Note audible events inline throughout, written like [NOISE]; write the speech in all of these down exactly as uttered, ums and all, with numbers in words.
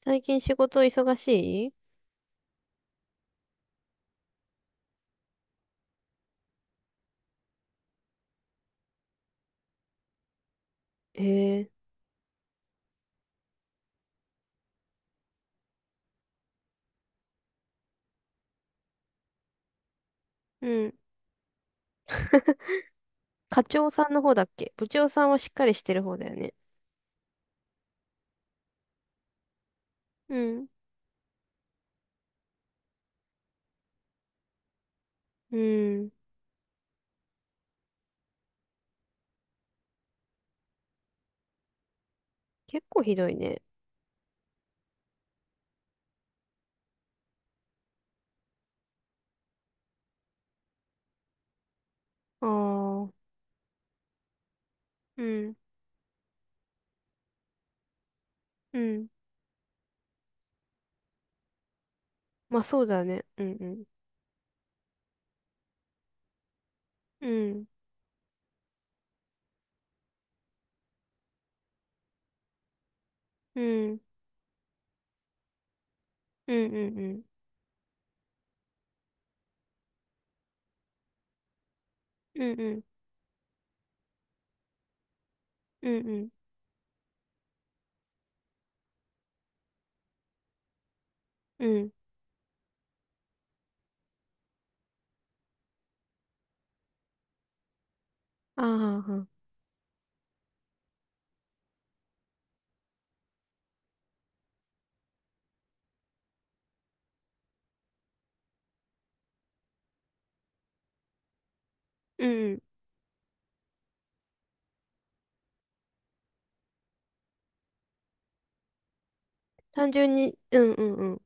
最近仕事忙しい？へえ。うん。[LAUGHS] 課長さんの方だっけ？部長さんはしっかりしてる方だよね。うん。うん。結構ひどいね。ああ。うん。うん。まあそうだね。うんうん。うん。うん。うんうんうん。うんうん。うんうん。うん。ああ。うんうん。単純に、うんうんうん。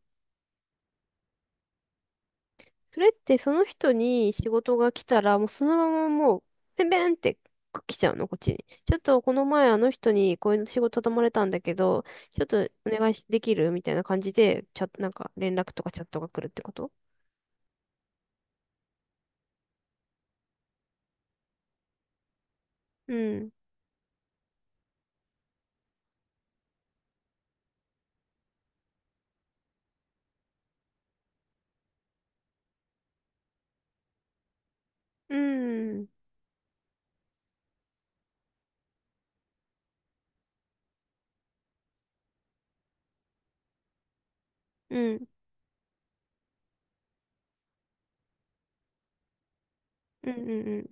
それってその人に仕事が来たら、もうそのままもう、ペンペンって来ちゃうの、こっちに。ちょっとこの前あの人にこういう仕事頼まれたんだけど、ちょっとお願いしできるみたいな感じで、チャット、なんか連絡とかチャットが来るってこと？うん。うん。うん。うんうんうん。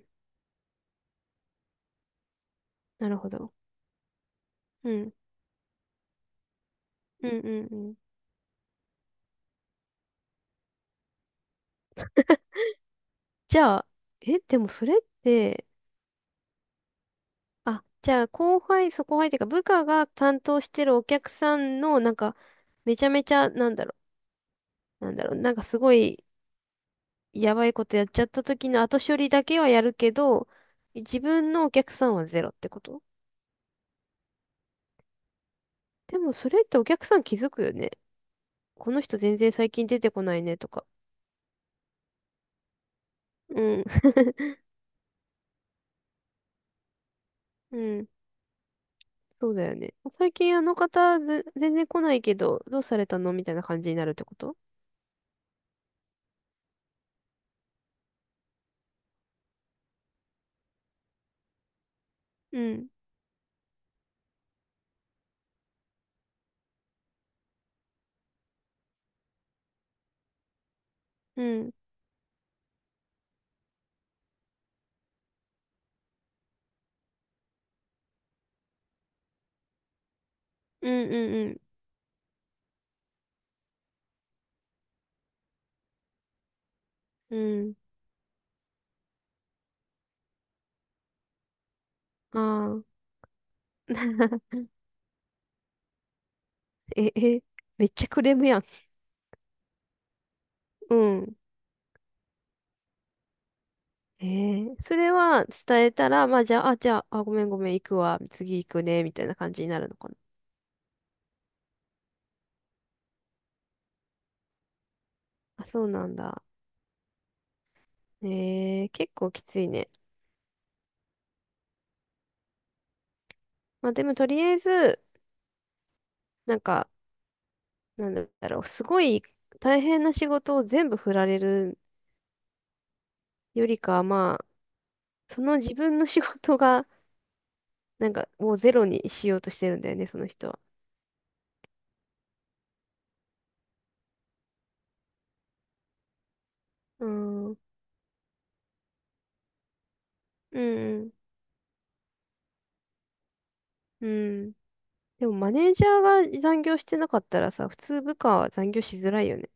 なるほど。うん。うんうんうん。じゃあ、え、でもそれって、あ、じゃあ後輩、そう後輩っていうか部下が担当してるお客さんの、なんか、めちゃめちゃ、なんだろうなんだろう、なんかすごいやばいことやっちゃった時の後処理だけはやるけど、自分のお客さんはゼロってこと？でもそれってお客さん気づくよね。この人全然最近出てこないねとか。うん。[LAUGHS] うん。そうだよね。最近あの方ぜ全然来ないけど、どうされたのみたいな感じになるってこと？うん。うん。うんうんうん。うん。ああ。[LAUGHS] え、え、めっちゃクレームやん。うん。えー、それは伝えたら、まあじゃあ、あ、じゃあ、あ、ごめんごめん、行くわ、次行くね、みたいな感じになるのかな。あ、そうなんだ。えー、結構きついね。まあでもとりあえず、なんか、なんだろう、すごい大変な仕事を全部振られるよりかは、まあ、その自分の仕事が、なんかもうゼロにしようとしてるんだよね、その人は。うーん、うん、うん。でもマネージャーが残業してなかったらさ、普通部下は残業しづらいよね。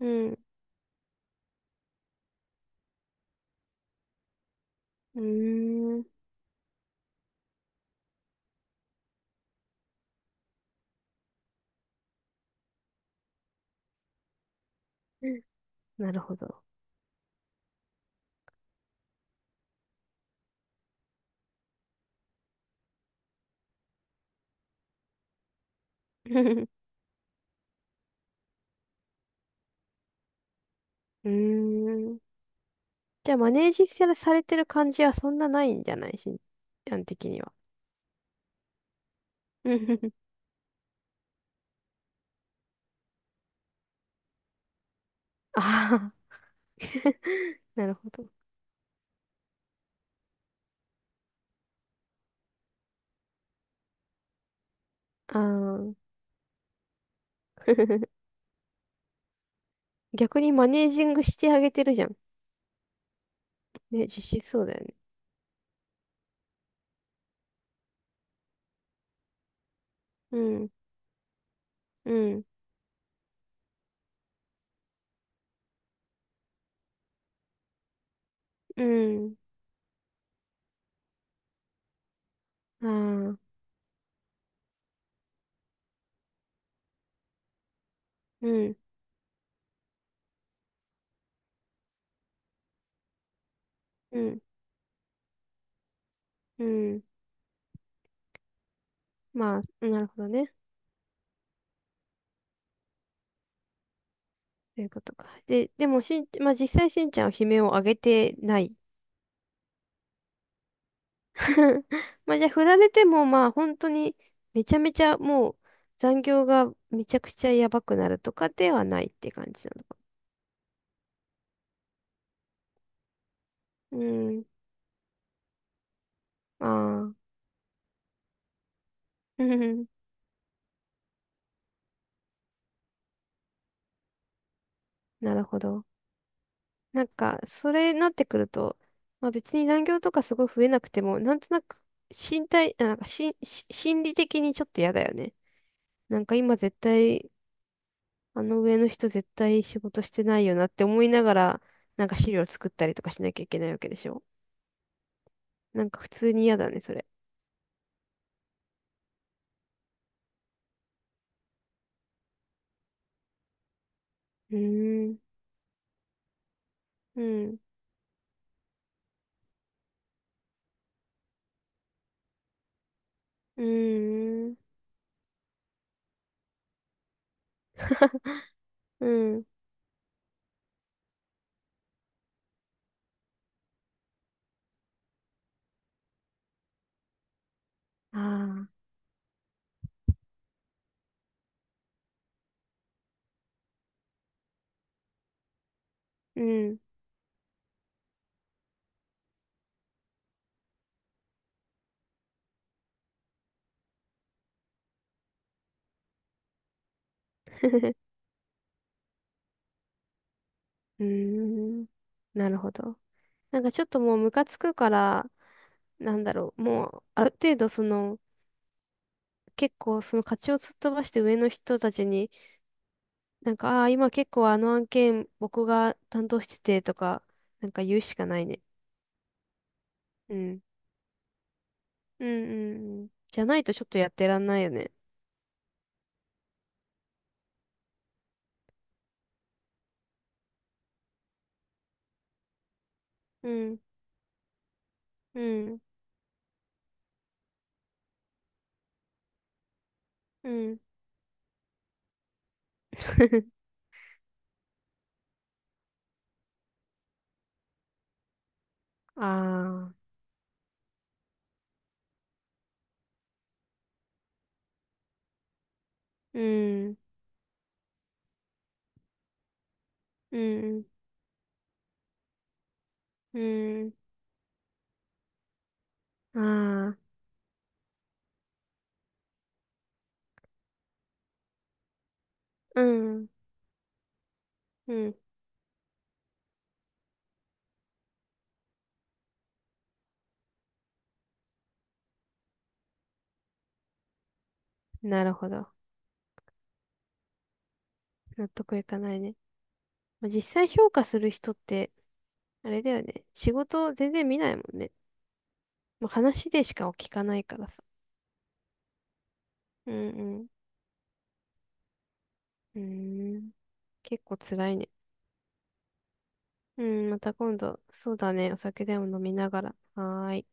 うん。うーん。なるほど。[LAUGHS] うーん。じゃあ、マネージされてる感じはそんなないんじゃない、しんちゃん的には？[LAUGHS] ああ。[LAUGHS] なるほど。ああ。[LAUGHS] 逆にマネージングしてあげてるじゃん。ね、実施そうだよね。うん、うん、うん。ああ、うん、うん、うん。まあ、なるほどね。ということか。で、でもしん、まあ実際しんちゃんは悲鳴を上げてない？ [LAUGHS] まあじゃあ、振られてもまあ本当にめちゃめちゃもう残業がめちゃくちゃやばくなるとかではないって感じなのか。うん。ああ。うん [LAUGHS] なるほど。なんか、それになってくると、まあ別に残業とかすごい増えなくても、なんとなく身体、あなんかしん、し心理的にちょっと嫌だよね。なんか今絶対、あの上の人絶対仕事してないよなって思いながら、なんか資料作ったりとかしなきゃいけないわけでしょ。なんか普通に嫌だね、それ。うーん、うん、うーん、うん、ああ、うん、[LAUGHS] うーん、なるほど。なんかちょっともうムカつくから、なんだろう、もうある程度その、結構その勝ちを突っ飛ばして上の人たちに、なんか、ああ、今結構あの案件僕が担当しててとか、なんか言うしかないね。うん。うんうんうん。じゃないとちょっとやってらんないよね。うん、うん、うん。[LAUGHS] ああ、うん、うん、うんうん。ああ、うん。うん。なるほど。納得いかないね。まあ、実際評価する人って、あれだよね。仕事全然見ないもんね。まあ、話でしか聞かないからさ。うんうん。うーん。結構辛いね。うん。また今度、そうだね。お酒でも飲みながら。はーい。